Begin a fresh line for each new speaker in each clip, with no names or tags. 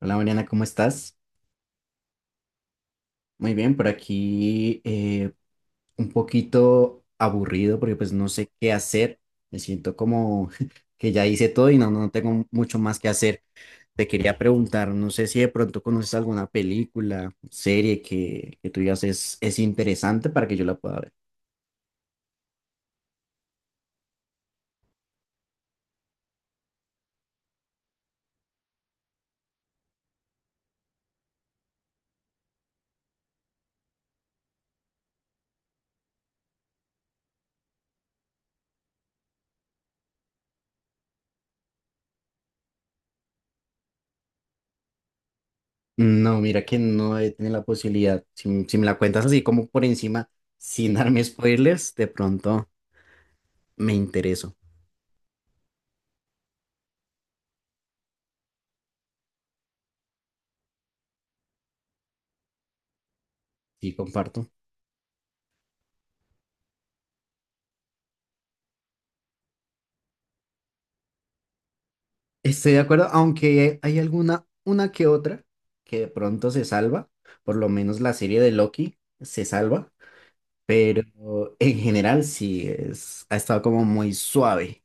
Hola Mariana, ¿cómo estás? Muy bien, por aquí un poquito aburrido porque pues no sé qué hacer. Me siento como que ya hice todo y no tengo mucho más que hacer. Te quería preguntar, no sé si de pronto conoces alguna película, serie que tú digas es interesante para que yo la pueda ver. No, mira que no he tenido la posibilidad. Si me la cuentas así como por encima, sin darme spoilers, de pronto me intereso. Sí, comparto. Estoy de acuerdo, aunque hay alguna, una que otra que de pronto se salva, por lo menos la serie de Loki se salva, pero en general sí es, ha estado como muy suave.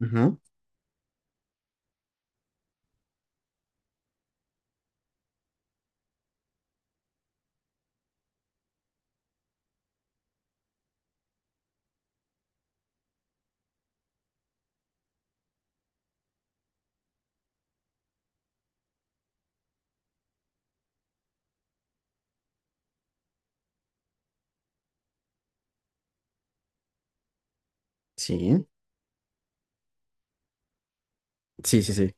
Ajá. Sí, sí, sí, sí.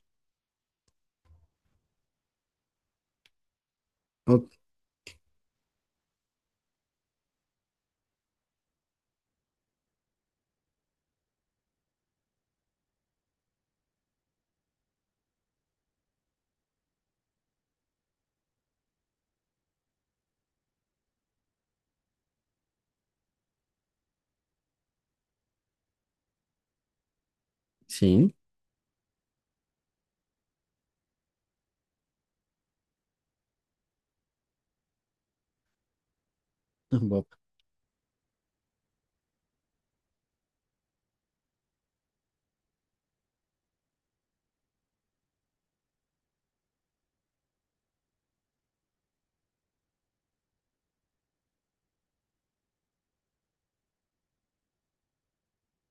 Ok, sí, Bob,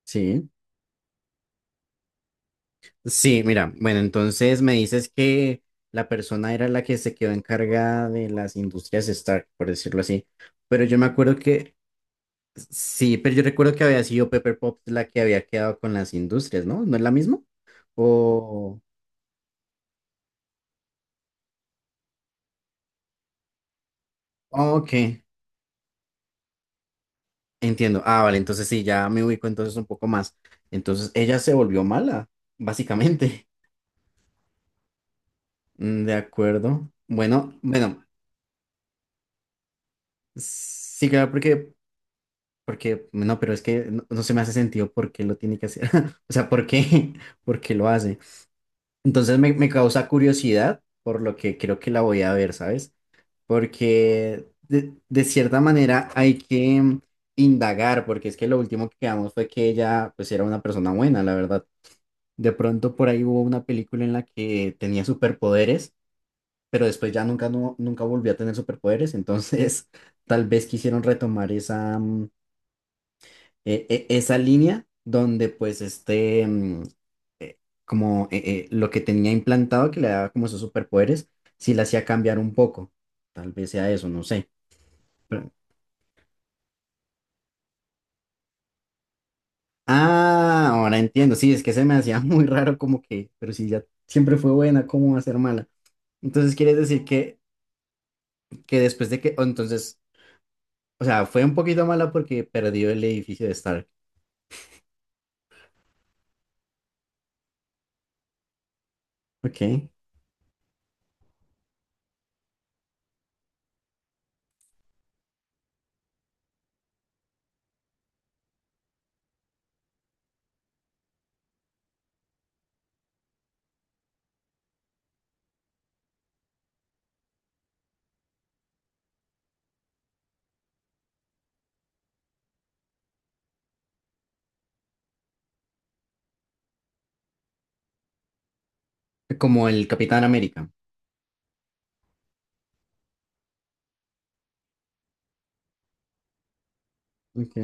sí. Sí, mira, bueno, entonces me dices que la persona era la que se quedó encargada de las industrias Stark, por decirlo así, pero yo me acuerdo que sí, pero yo recuerdo que había sido Pepper Pop la que había quedado con las industrias, ¿no? ¿No es la misma? O... oh, ok, entiendo. Ah, vale, entonces sí, ya me ubico entonces un poco más. Entonces ella se volvió mala, básicamente. Mm, de acuerdo. Bueno, bueno, sí, claro, no, pero es que no se me hace sentido por qué lo tiene que hacer. O sea, ¿por qué? ¿Por qué lo hace? Entonces me causa curiosidad, por lo que creo que la voy a ver, ¿sabes? Porque de cierta manera hay que indagar, porque es que lo último que quedamos fue que ella pues era una persona buena, la verdad. De pronto por ahí hubo una película en la que tenía superpoderes, pero después ya nunca, no, nunca volvió a tener superpoderes, entonces tal vez quisieron retomar esa, esa línea donde pues este, mm, eh, como lo que tenía implantado que le daba como esos superpoderes, si la hacía cambiar un poco, tal vez sea eso, no sé. Ah, ahora entiendo. Sí, es que se me hacía muy raro como que, pero si ya siempre fue buena, ¿cómo va a ser mala? Entonces, ¿quieres decir que después de que, o entonces, o sea, fue un poquito mala porque perdió el edificio de Stark. Ok. Como el Capitán América. Ok.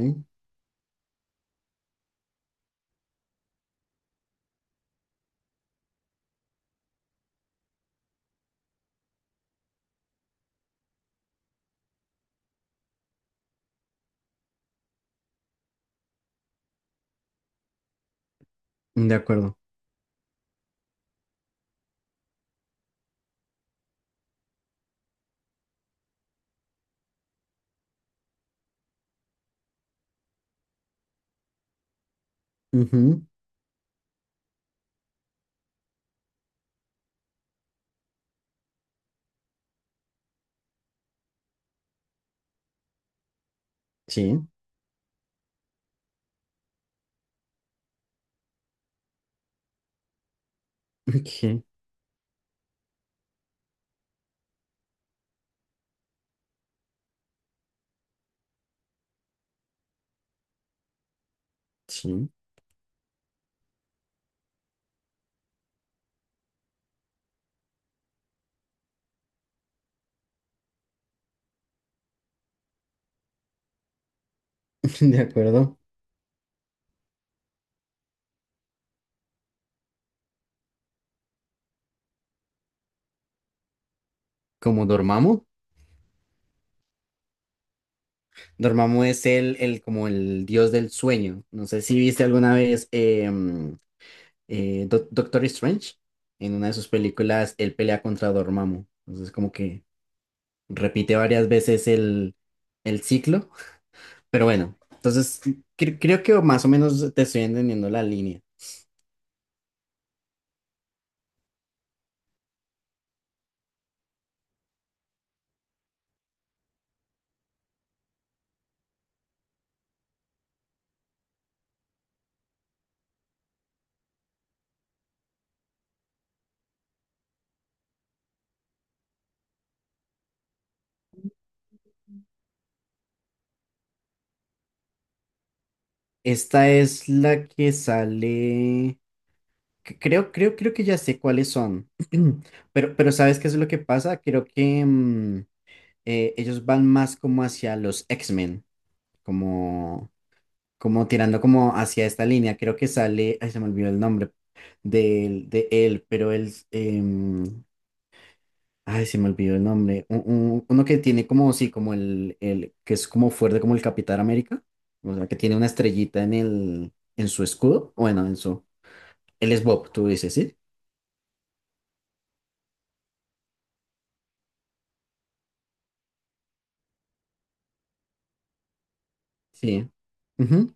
De acuerdo. Ujú, sí. Ok. Sí. De acuerdo. Como Dormammu. Dormammu es el, como el dios del sueño. No sé si viste alguna vez Doctor Strange, en una de sus películas, él pelea contra Dormammu. Entonces, como que repite varias veces el ciclo. Pero bueno, entonces creo que más o menos te estoy entendiendo la línea. Esta es la que sale. Que Creo, creo, creo que ya sé cuáles son. Pero ¿sabes qué es lo que pasa? Creo que ellos van más como hacia los X-Men, como como tirando como hacia esta línea, creo que sale, ay, se me olvidó el nombre él, pero ay, se me olvidó el nombre, uno que tiene como, sí, como el, que es como fuerte como el Capitán América, o sea, que tiene una estrellita en en su escudo, bueno, en su, él es Bob, tú dices, ¿sí? Sí. Ujú.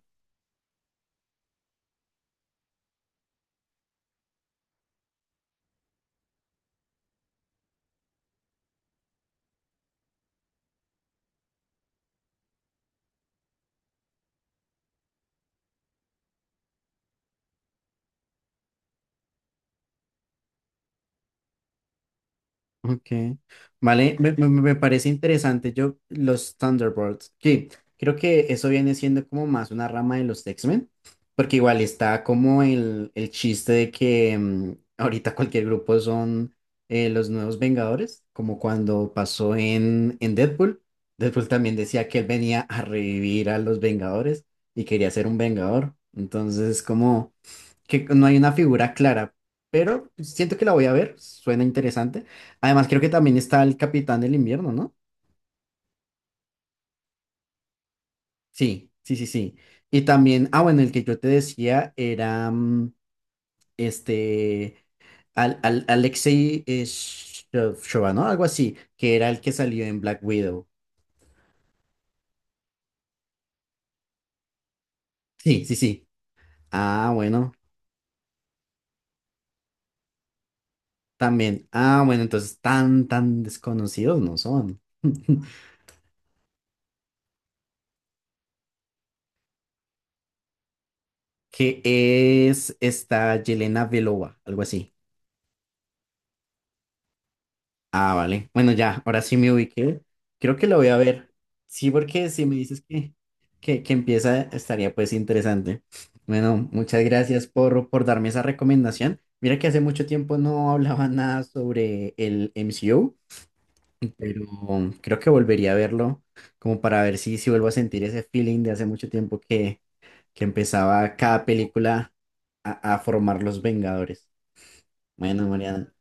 Okay, vale, me parece interesante. Yo, los Thunderbolts, que creo que eso viene siendo como más una rama de los X-Men, porque igual está como el chiste de que ahorita cualquier grupo son los nuevos Vengadores, como cuando pasó en Deadpool. Deadpool también decía que él venía a revivir a los Vengadores y quería ser un Vengador. Entonces, como que no hay una figura clara, pero siento que la voy a ver, suena interesante. Además, creo que también está el Capitán del Invierno, ¿no? Sí, sí, sí, sí. Y también, ah, bueno, el que yo te decía era este, Alexei Shova, ¿no? Algo así, que era el que salió en Black Widow. Sí, sí, sí. Ah, bueno, también. Ah, bueno, entonces tan desconocidos no son. Que es esta Yelena Belova, algo así. Ah, vale. Bueno, ya, ahora sí me ubiqué. Creo que lo voy a ver. Sí, porque si me dices que empieza, estaría pues interesante. Bueno, muchas gracias por darme esa recomendación. Mira que hace mucho tiempo no hablaba nada sobre el MCU, pero creo que volvería a verlo como para ver si, si vuelvo a sentir ese feeling de hace mucho tiempo que empezaba cada película a formar los Vengadores. Bueno, Mariana,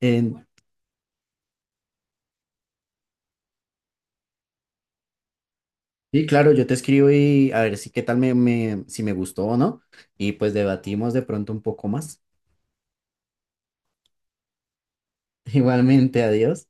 eh, sí, claro, yo te escribo y a ver si qué tal si me gustó o no. Y pues debatimos de pronto un poco más. Igualmente, adiós.